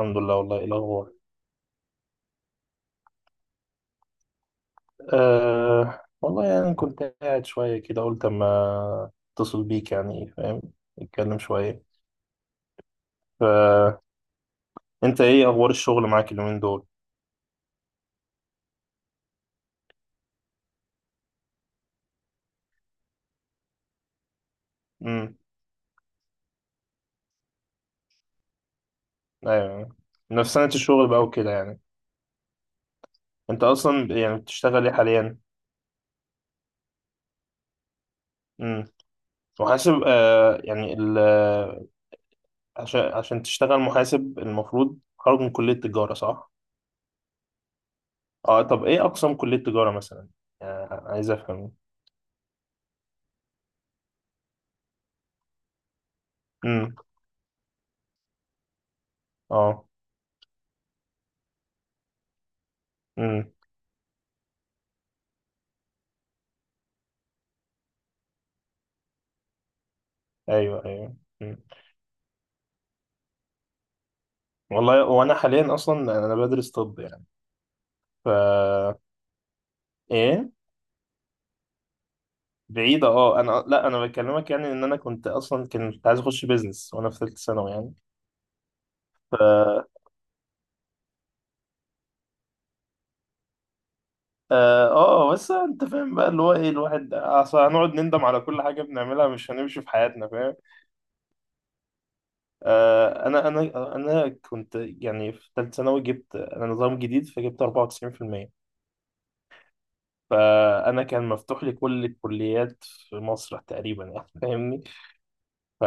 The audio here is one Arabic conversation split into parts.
الحمد لله. والله إيه الأخبار؟ والله يعني كنت قاعد شوية كده، قلت أما أتصل بيك، يعني فاهم، نتكلم شوية. فأنت إيه أخبار الشغل معاك اليومين دول؟ أمم أيوه أيوة. نفس سنة الشغل بقى وكده يعني. أنت أصلا يعني بتشتغل إيه حاليا؟ أمم محاسب. أه يعني ال عشان تشتغل محاسب المفروض خارج من كلية تجارة، صح؟ طب إيه أقسام كلية تجارة مثلا؟ عايز أفهم. أمم أه. ايوه ايوه. مم. والله، وانا حاليا اصلا انا بدرس طب يعني. ف ايه، بعيدة. اه انا، لا، انا بكلمك يعني ان انا كنت اصلا كنت عايز اخش بيزنس وانا في ثالثة ثانوي يعني. ف اه آه، بس انت فاهم بقى اللي هو ايه، الواحد اصل هنقعد نندم على كل حاجة بنعملها، مش هنمشي في حياتنا، فاهم. انا كنت يعني في ثالثة ثانوي، جبت انا نظام جديد فجبت 94%. فانا كان مفتوح لي كل الكليات في مصر تقريبا، يعني فاهمني. ف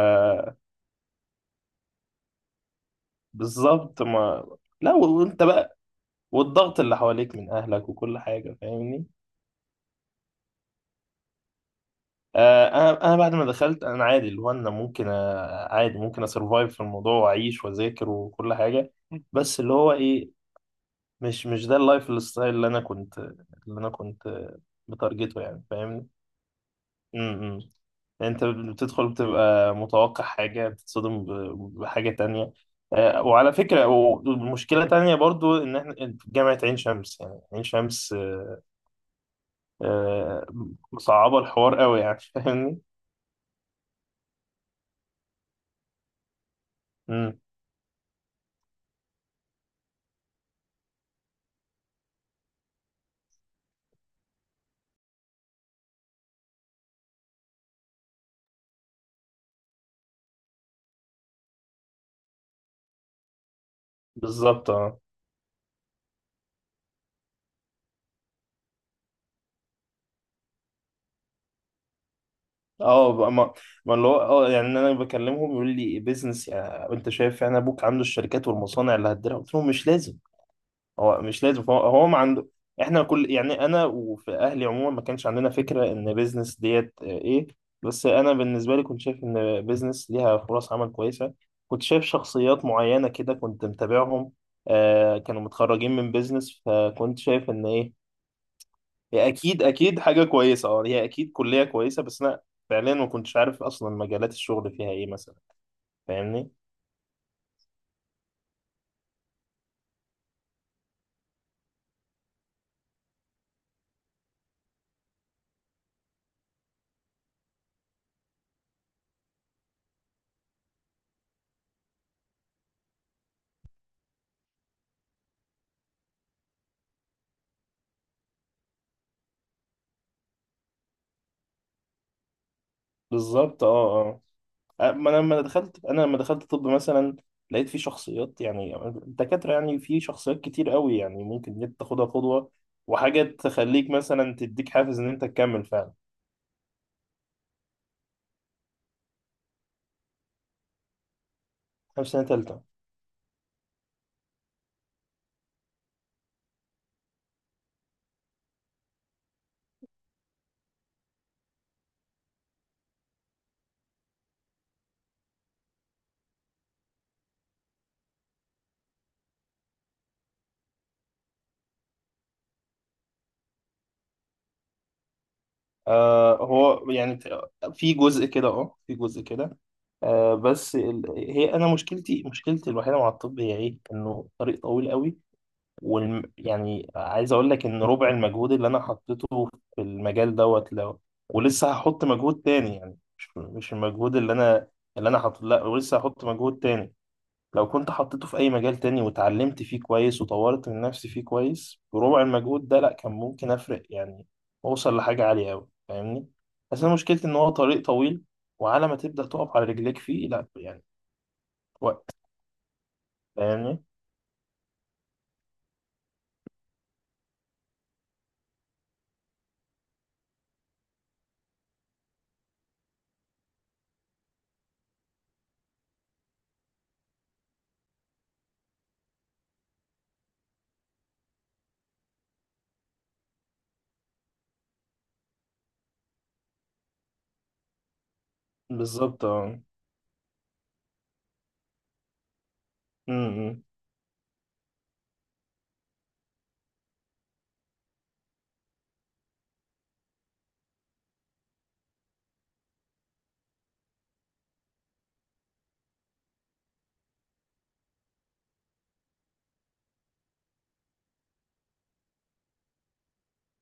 بالظبط. ما لا وانت بقى، والضغط اللي حواليك من اهلك وكل حاجه، فاهمني. انا بعد ما دخلت، انا عادي، اللي هو انا ممكن، عادي ممكن اسرفايف في الموضوع واعيش واذاكر وكل حاجه. بس اللي هو ايه، مش ده اللايف ستايل اللي انا كنت، اللي انا كنت بتارجته، يعني فاهمني. إمم. يعني انت بتدخل بتبقى متوقع حاجه، بتتصدم بحاجه تانية. وعلى فكرة ومشكلة تانية برضو إن إحنا جامعة عين شمس، يعني عين شمس، آه، مصعبة الحوار قوي يعني فاهمني. امم بالظبط. اه اه بقى ما ما اللي هو اه يعني انا بكلمهم، يقول لي بيزنس، يعني انت شايف يعني ابوك عنده الشركات والمصانع اللي هتديرها، قلت لهم مش لازم. هو مش لازم، هو ما عنده. احنا كل يعني انا وفي اهلي عموما، ما كانش عندنا فكرة ان بيزنس ديت، ايه، بس انا بالنسبة لي كنت شايف ان بيزنس ليها فرص عمل كويسة. كنت شايف شخصيات معينة كده، كنت متابعهم. كانوا متخرجين من بيزنس، فكنت شايف ان ايه، هي اكيد اكيد حاجه كويسه. اه هي اكيد كليه كويسه، بس انا فعليا ما كنتش عارف اصلا مجالات الشغل فيها ايه مثلا، فاهمني. بالظبط. اه اه ما انا لما دخلت، طب مثلا، لقيت في شخصيات، يعني الدكاتره، يعني في شخصيات كتير قوي، يعني ممكن إن انت تاخدها قدوه، وحاجه تخليك مثلا تديك حافز ان انت تكمل فعلا. حافز سنه تالته. هو يعني في جزء كده، في جزء كده. آه بس ال... هي انا مشكلتي، مشكلتي الوحيده مع الطب هي ايه، انه طريق طويل قوي. يعني عايز اقول لك ان ربع المجهود اللي انا حطيته في المجال دوت لو، ولسه هحط مجهود تاني، يعني مش المجهود اللي انا، اللي انا حاطه، لا، ولسه هحط مجهود تاني، لو كنت حطيته في أي مجال تاني واتعلمت فيه كويس وطورت من نفسي فيه كويس بربع المجهود ده، لأ، كان ممكن أفرق يعني، أوصل لحاجة عالية أوي، فاهمني. بس أنا مشكلتي إن هو طريق طويل، وعلى ما تبدأ تقف على رجليك فيه، لأ يعني وقت، فاهمني. بالظبط. اه م- م.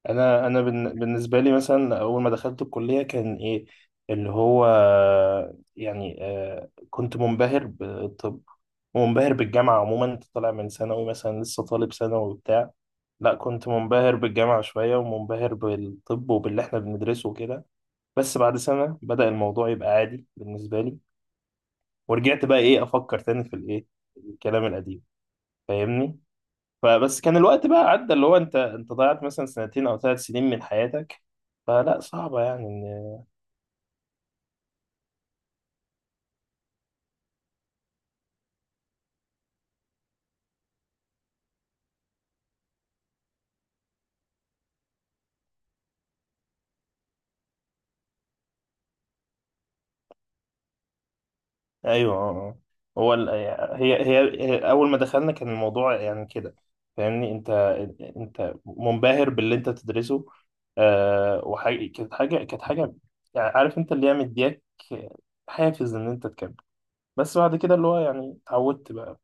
انا بالنسبه لي مثلا، اول ما دخلت الكليه كان ايه اللي هو يعني، كنت منبهر بالطب ومنبهر بالجامعه عموما. انت طالع من ثانوي مثلا، لسه طالب ثانوي وبتاع، لا كنت منبهر بالجامعه شويه ومنبهر بالطب وباللي احنا بندرسه وكده. بس بعد سنه بدأ الموضوع يبقى عادي بالنسبه لي، ورجعت بقى ايه افكر تاني في الايه، الكلام القديم، فاهمني. فبس كان الوقت بقى عدى، اللي هو انت ضيعت مثلا سنتين او ثلاث سنين من حياتك. فلا، صعبة يعني ان، ايوه. اه اه. هو ال... هي... هي هي اول ما دخلنا كان الموضوع يعني كده، فاهمني. انت منبهر باللي انت بتدرسه. آه وحاجة كانت حاجة كانت حاجة يعني عارف انت اللي هي مدياك حافز ان انت تكمل. بس بعد كده اللي هو يعني اتعودت بقى،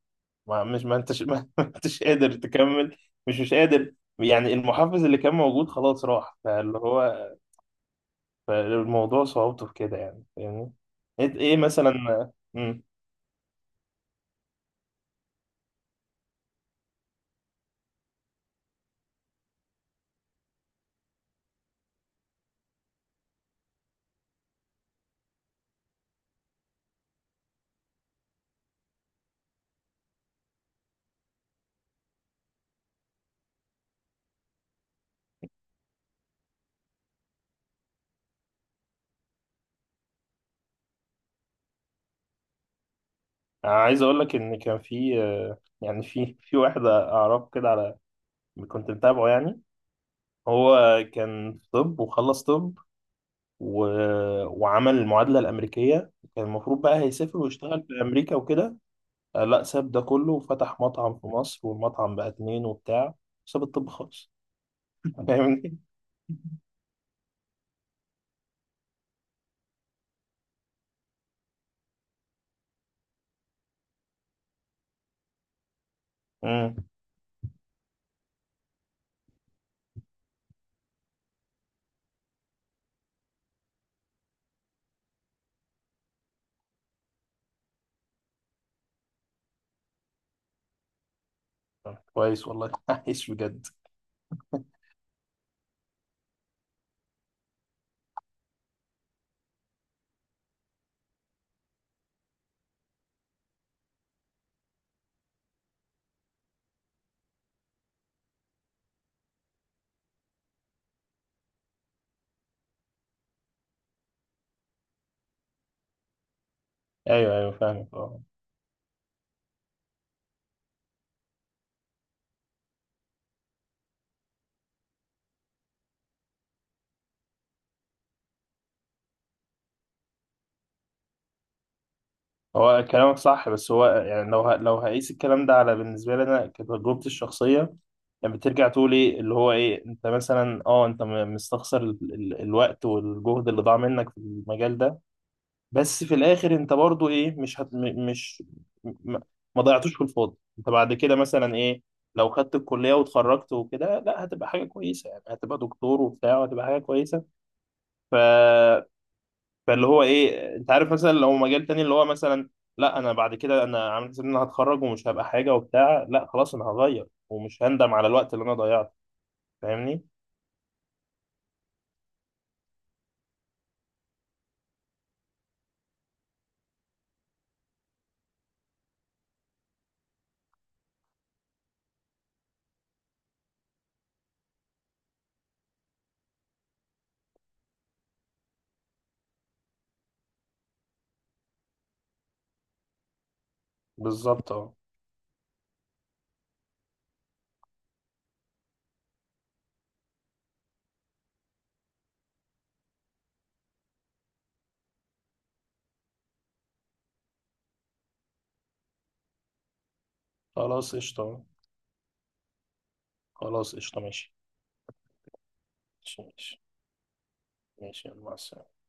ما انتش ما انتش قادر تكمل، مش قادر، يعني المحفز اللي كان موجود خلاص راح، فاللي هو، فالموضوع صعوبته في كده، يعني فاهمني. ايه، مثلا. امم عايز اقول لك ان كان في، يعني في واحد اعرفه كده على، كنت متابعه يعني، هو كان في طب وخلص طب و... وعمل المعادلة الأمريكية، كان المفروض بقى هيسافر ويشتغل في أمريكا وكده. لا، ساب ده كله وفتح مطعم في مصر والمطعم بقى اتنين وبتاع. ساب الطب خالص. فاهمني؟ امم كويس والله. عايش بجد. ايوه ايوه فاهمك. اه هو كلامك صح، بس هو يعني لو هقيس الكلام ده على، بالنسبه لي انا كتجربتي الشخصيه، يعني بترجع تقول ايه، اللي هو ايه، انت مثلا، انت مستخسر الوقت والجهد اللي ضاع منك في المجال ده. بس في الاخر انت برضو ايه، مش هت... م- مش م- ما ضيعتوش في الفاضي. انت بعد كده مثلا ايه، لو خدت الكليه واتخرجت وكده، لا هتبقى حاجه كويسه، يعني هتبقى دكتور وبتاع وهتبقى حاجه كويسه. ف... فاللي هو ايه، انت عارف مثلا لو مجال تاني اللي هو مثلا، لا، انا بعد كده انا عامل حساب ان انا هتخرج ومش هبقى حاجه وبتاع، لا خلاص انا هغير ومش هندم على الوقت اللي انا ضيعته، فاهمني. بالظبط. اه خلاص قشطه. خلاص قشطه، ماشي ماشي، يلا مع السلامه.